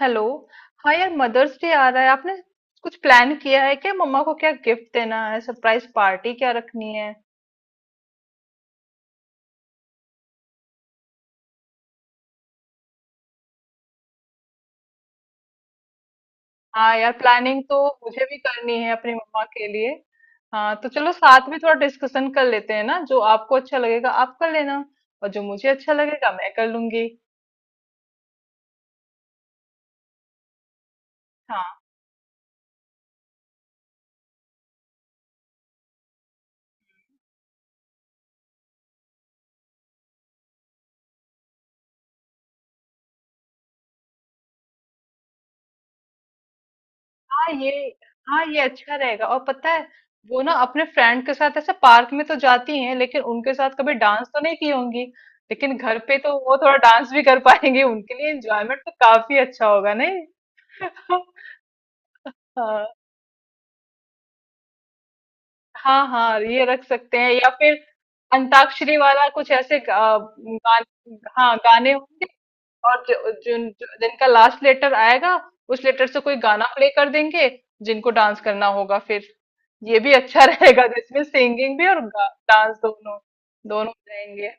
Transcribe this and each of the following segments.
Hello. हाँ यार, Mother's Day आ रहा है। आपने कुछ प्लान किया है क्या? मम्मा को क्या गिफ्ट देना है? सरप्राइज पार्टी क्या रखनी है? हाँ यार, प्लानिंग तो मुझे भी करनी है अपनी मम्मा के लिए। हाँ तो चलो, साथ में थोड़ा डिस्कशन कर लेते हैं ना। जो आपको अच्छा लगेगा आप कर लेना, और जो मुझे अच्छा लगेगा मैं कर लूंगी। हाँ ये, हाँ ये अच्छा रहेगा। और पता है, वो ना अपने फ्रेंड के साथ ऐसे पार्क में तो जाती हैं, लेकिन उनके साथ कभी डांस तो नहीं की होंगी। लेकिन घर पे तो वो थोड़ा डांस भी कर पाएंगे। उनके लिए एंजॉयमेंट तो काफी अच्छा होगा नहीं? हाँ हाँ हाँ, ये रख सकते हैं, या फिर अंताक्षरी वाला कुछ, ऐसे हाँ गाने होंगे। और जिन जिनका लास्ट लेटर आएगा, उस लेटर से कोई गाना प्ले कर देंगे, जिनको डांस करना होगा फिर। ये भी अच्छा रहेगा, जिसमें सिंगिंग भी और डांस दोनों, दोनों हो जाएंगे।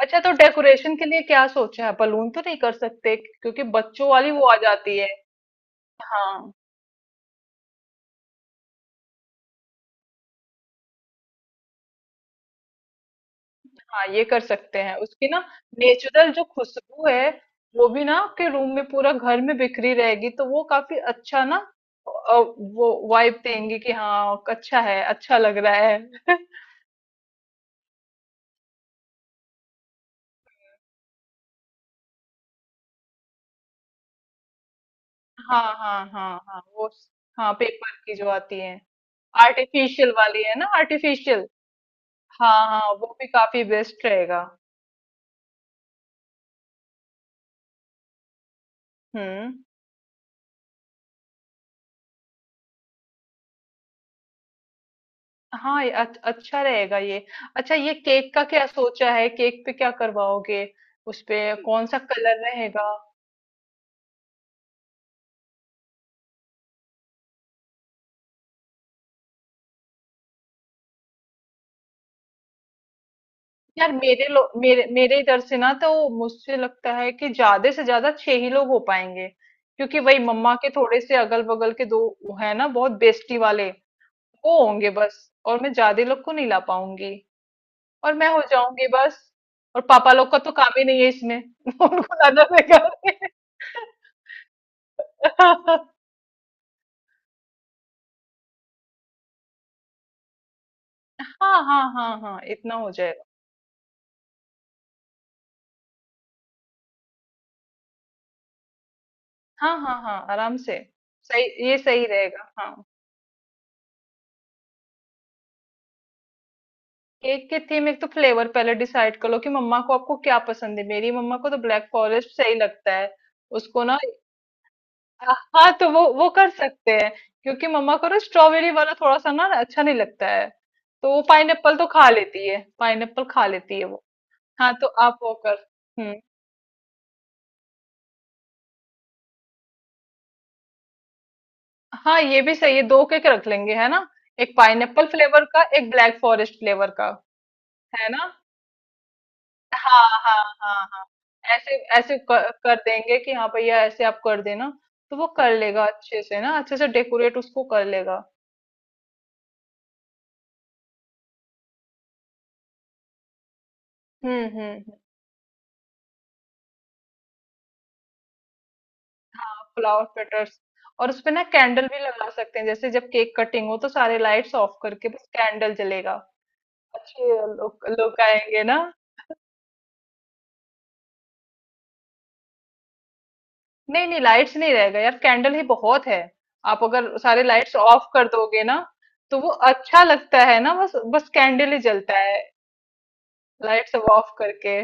अच्छा, तो डेकोरेशन के लिए क्या सोचा है? बलून तो नहीं कर सकते क्योंकि बच्चों वाली वो आ जाती है। हाँ हाँ, ये कर सकते हैं। उसकी ना नेचुरल जो खुशबू है, वो भी ना आपके रूम में, पूरा घर में बिखरी रहेगी, तो वो काफी अच्छा ना वो वाइब देंगी कि हाँ अच्छा है, अच्छा लग रहा है। हाँ हाँ हाँ हाँ वो, हाँ पेपर की जो आती है, आर्टिफिशियल वाली है ना, आर्टिफिशियल। हाँ हाँ, वो भी काफी बेस्ट रहेगा। हम्म, हाँ ये अच्छा रहेगा ये। अच्छा, ये केक का क्या सोचा है? केक पे क्या करवाओगे? उस पे कौन सा कलर रहेगा? यार, मेरे लो मेरे मेरे इधर से ना, तो मुझसे लगता है कि ज्यादा से ज्यादा छह ही लोग हो पाएंगे, क्योंकि वही मम्मा के थोड़े से अगल बगल के दो, है ना, बहुत बेस्टी वाले, वो होंगे बस। और मैं ज्यादा लोग को नहीं ला पाऊंगी, और मैं हो जाऊंगी बस। और पापा लोग का तो काम ही नहीं है इसमें। उनको लाना बेकार है। हाँ हाँ हाँ हाँ, इतना हो जाएगा। हाँ हाँ हाँ, आराम से। सही, ये सही रहेगा हाँ। केक के थीम, एक तो फ्लेवर पहले डिसाइड कर लो कि मम्मा को, आपको क्या पसंद है। मेरी मम्मा को तो ब्लैक फॉरेस्ट सही लगता है। उसको ना, हाँ तो वो कर सकते हैं। क्योंकि मम्मा को ना स्ट्रॉबेरी वाला थोड़ा सा ना अच्छा नहीं लगता है। तो वो पाइनएप्पल तो खा लेती है, पाइनएप्पल खा लेती है वो। हाँ तो आप वो कर, हम्म, हाँ ये भी सही है, दो केक रख लेंगे है ना। एक पाइनएप्पल फ्लेवर का, एक ब्लैक फॉरेस्ट फ्लेवर का, है ना। हाँ हाँ हाँ हाँ, ऐसे ऐसे कर देंगे कि हाँ भैया ऐसे आप कर देना, तो वो कर लेगा अच्छे से ना, अच्छे से डेकोरेट उसको कर लेगा। हम्म हम्म हम्म, हाँ फ्लावर पेटर्स। और उसपे ना कैंडल भी लगा सकते हैं, जैसे जब केक कटिंग हो तो सारे लाइट्स ऑफ करके बस कैंडल जलेगा। अच्छे लोग लोग आएंगे ना। नहीं नहीं, लाइट्स नहीं रहेगा यार, कैंडल ही बहुत है। आप अगर सारे लाइट्स ऑफ कर दोगे ना, तो वो अच्छा लगता है ना, बस बस कैंडल ही जलता है। लाइट्स सब ऑफ करके,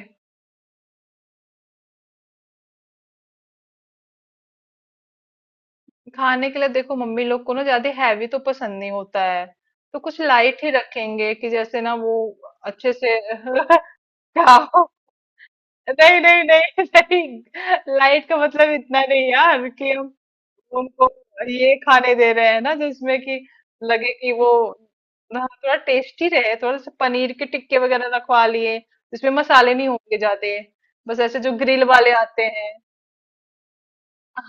खाने के लिए देखो मम्मी लोग को ना ज्यादा हैवी तो पसंद नहीं होता है। तो कुछ लाइट ही रखेंगे, कि जैसे ना वो अच्छे से खाओ। नहीं नहीं नहीं, नहीं लाइट का मतलब इतना नहीं यार, कि हम उनको ये खाने दे रहे हैं ना जिसमें कि लगे कि वो, हाँ, थोड़ा टेस्टी रहे। थोड़ा सा पनीर के टिक्के वगैरह रखवा लिए जिसमें मसाले नहीं होंगे ज्यादा, बस ऐसे जो ग्रिल वाले आते हैं।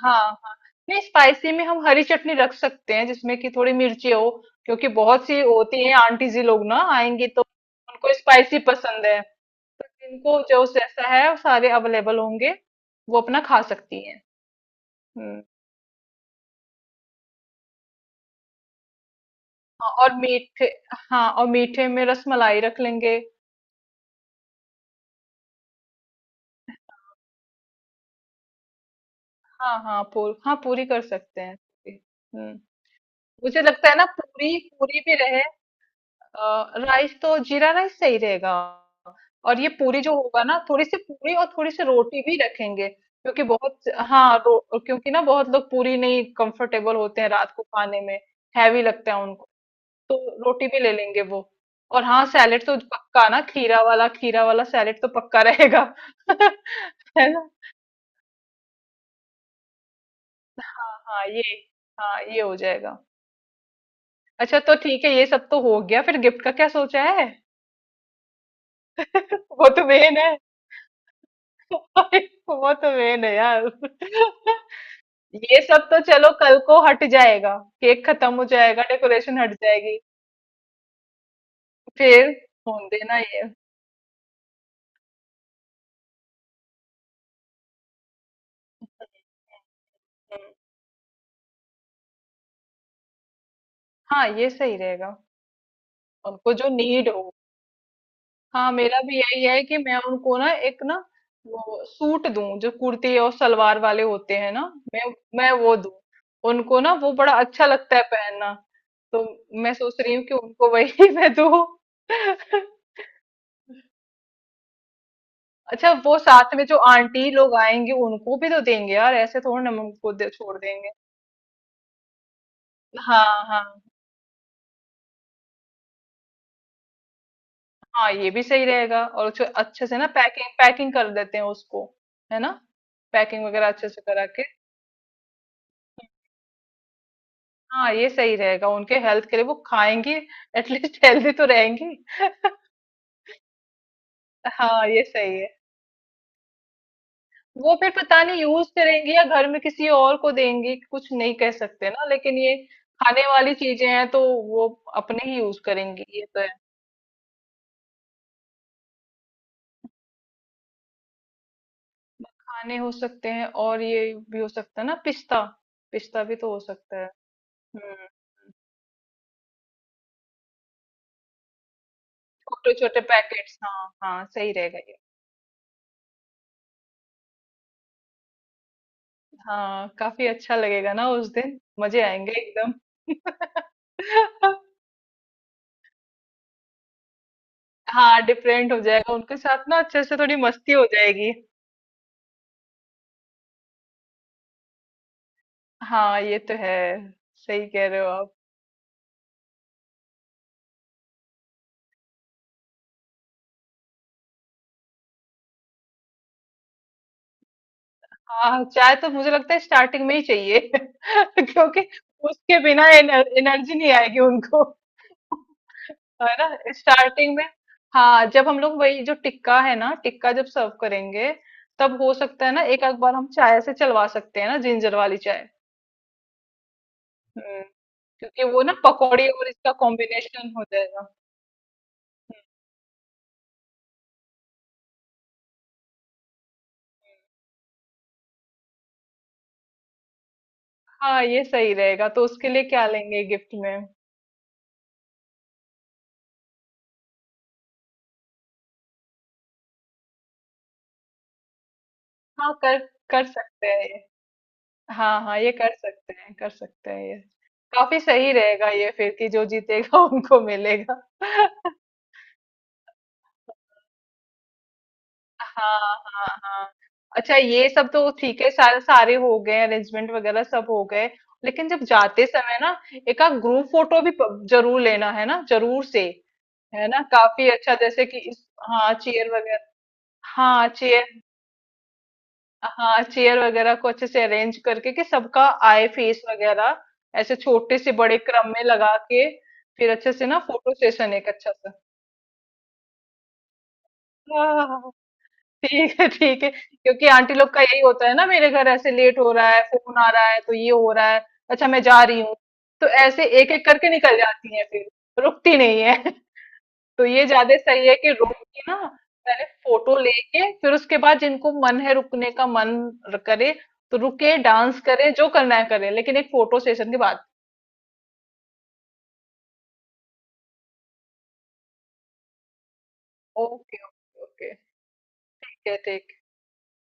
हाँ हाँ, नहीं स्पाइसी में हम हरी चटनी रख सकते हैं जिसमें कि थोड़ी मिर्ची हो। क्योंकि बहुत सी होती है आंटी जी लोग ना आएंगी तो, उनको स्पाइसी पसंद है। इनको जो जैसा है वो सारे अवेलेबल होंगे, वो अपना खा सकती हैं। हम्म, हाँ, और मीठे, हाँ और मीठे में रसमलाई रख लेंगे। हाँ हाँ पूरी, हाँ पूरी कर सकते हैं। हम्म, मुझे लगता है ना पूरी, पूरी भी रहे। राइस तो जीरा राइस सही रहेगा। और ये पूरी जो होगा ना, थोड़ी सी पूरी और थोड़ी सी रोटी भी रखेंगे, क्योंकि बहुत, हाँ क्योंकि ना बहुत लोग पूरी नहीं कंफर्टेबल होते हैं रात को खाने में। हैवी लगता है उनको, तो रोटी भी ले लेंगे वो। और हाँ सैलेड तो पक्का ना, खीरा वाला, खीरा वाला सैलेड तो पक्का रहेगा। है ना, हाँ हाँ ये, हाँ ये हो जाएगा। अच्छा, तो ठीक है, ये सब तो हो गया। फिर गिफ्ट का क्या सोचा है? वो तो मेन है, अरे, वो तो मेन है यार। ये सब तो चलो कल को हट जाएगा, केक खत्म हो जाएगा, डेकोरेशन हट जाएगी। फिर फोन देना ये, हम्म, हाँ ये सही रहेगा। उनको जो नीड हो। हाँ मेरा भी यही है कि मैं उनको ना एक ना, वो सूट दूं, जो कुर्ती और सलवार वाले होते हैं ना, मैं मैं वो दूं। उनको ना वो बड़ा अच्छा लगता है पहनना, तो मैं सोच रही हूँ कि उनको वही मैं दूं। अच्छा, वो साथ में जो आंटी लोग आएंगे उनको भी तो देंगे यार, ऐसे थोड़ी ना हम उनको छोड़ देंगे। हाँ हाँ हाँ, ये भी सही रहेगा। और जो अच्छे से ना, पैकिंग पैकिंग कर देते हैं उसको, है ना, पैकिंग वगैरह अच्छे से करा के। हाँ ये सही रहेगा, उनके हेल्थ के लिए वो खाएंगी, एटलीस्ट हेल्दी तो रहेंगी। हाँ ये सही है। वो फिर पता नहीं यूज करेंगी या घर में किसी और को देंगी, कुछ नहीं कह सकते ना। लेकिन ये खाने वाली चीजें हैं तो वो अपने ही यूज करेंगी ये तो। खाने हो सकते हैं, और ये भी हो सकता है ना, पिस्ता, पिस्ता भी तो हो सकता है। हम्म, छोटे छोटे पैकेट्स हाँ हाँ, सही रहेगा ये। हाँ काफी अच्छा लगेगा ना, उस दिन मजे आएंगे एकदम। हाँ डिफरेंट हो जाएगा उनके साथ ना, अच्छे से थोड़ी मस्ती हो जाएगी। हाँ ये तो है, सही कह रहे हो आप। हाँ चाय तो मुझे लगता है स्टार्टिंग में ही चाहिए क्योंकि उसके बिना एनर्जी नहीं आएगी उनको। है ना, स्टार्टिंग में। हाँ जब हम लोग वही जो टिक्का है ना, टिक्का जब सर्व करेंगे, तब हो सकता है ना एक आध बार हम चाय से चलवा सकते हैं ना, जिंजर वाली चाय। हम्म, क्योंकि वो ना पकौड़ी और इसका कॉम्बिनेशन हो जाएगा। हाँ ये सही रहेगा, तो उसके लिए क्या लेंगे गिफ्ट में? हाँ कर, कर सकते हैं ये। हाँ हाँ ये कर सकते हैं, कर सकते हैं ये। काफी सही रहेगा ये फिर, कि जो जीतेगा उनको मिलेगा। हाँ हाँ हाँ। अच्छा, ये सब तो ठीक है, सारे सारे हो गए अरेंजमेंट वगैरह, सब हो गए। लेकिन जब जाते समय ना, एक आध ग्रुप फोटो भी जरूर लेना है ना, जरूर से। है ना, काफी अच्छा, जैसे कि इस, हाँ चेयर वगैरह, हाँ चेयर, हाँ चेयर वगैरह को अच्छे से अरेंज करके कि सबका आए फेस वगैरह, ऐसे छोटे से बड़े क्रम में लगा के, फिर अच्छे से ना फोटो सेशन, एक अच्छा सा। हाँ, हाँ, हाँ। ठीक है ठीक है। क्योंकि आंटी लोग का यही होता है ना, मेरे घर ऐसे लेट हो रहा है, फोन आ रहा है, तो ये हो रहा है, अच्छा मैं जा रही हूँ, तो ऐसे एक एक करके निकल जाती है, फिर रुकती नहीं है। तो ये ज्यादा सही है कि रुक के ना, पहले फोटो लेके, फिर उसके बाद जिनको मन है रुकने का मन करे, तो रुके, डांस करें, जो करना है करें, लेकिन एक फोटो सेशन के बाद। Okay okay okay. ठीक है ठीक है।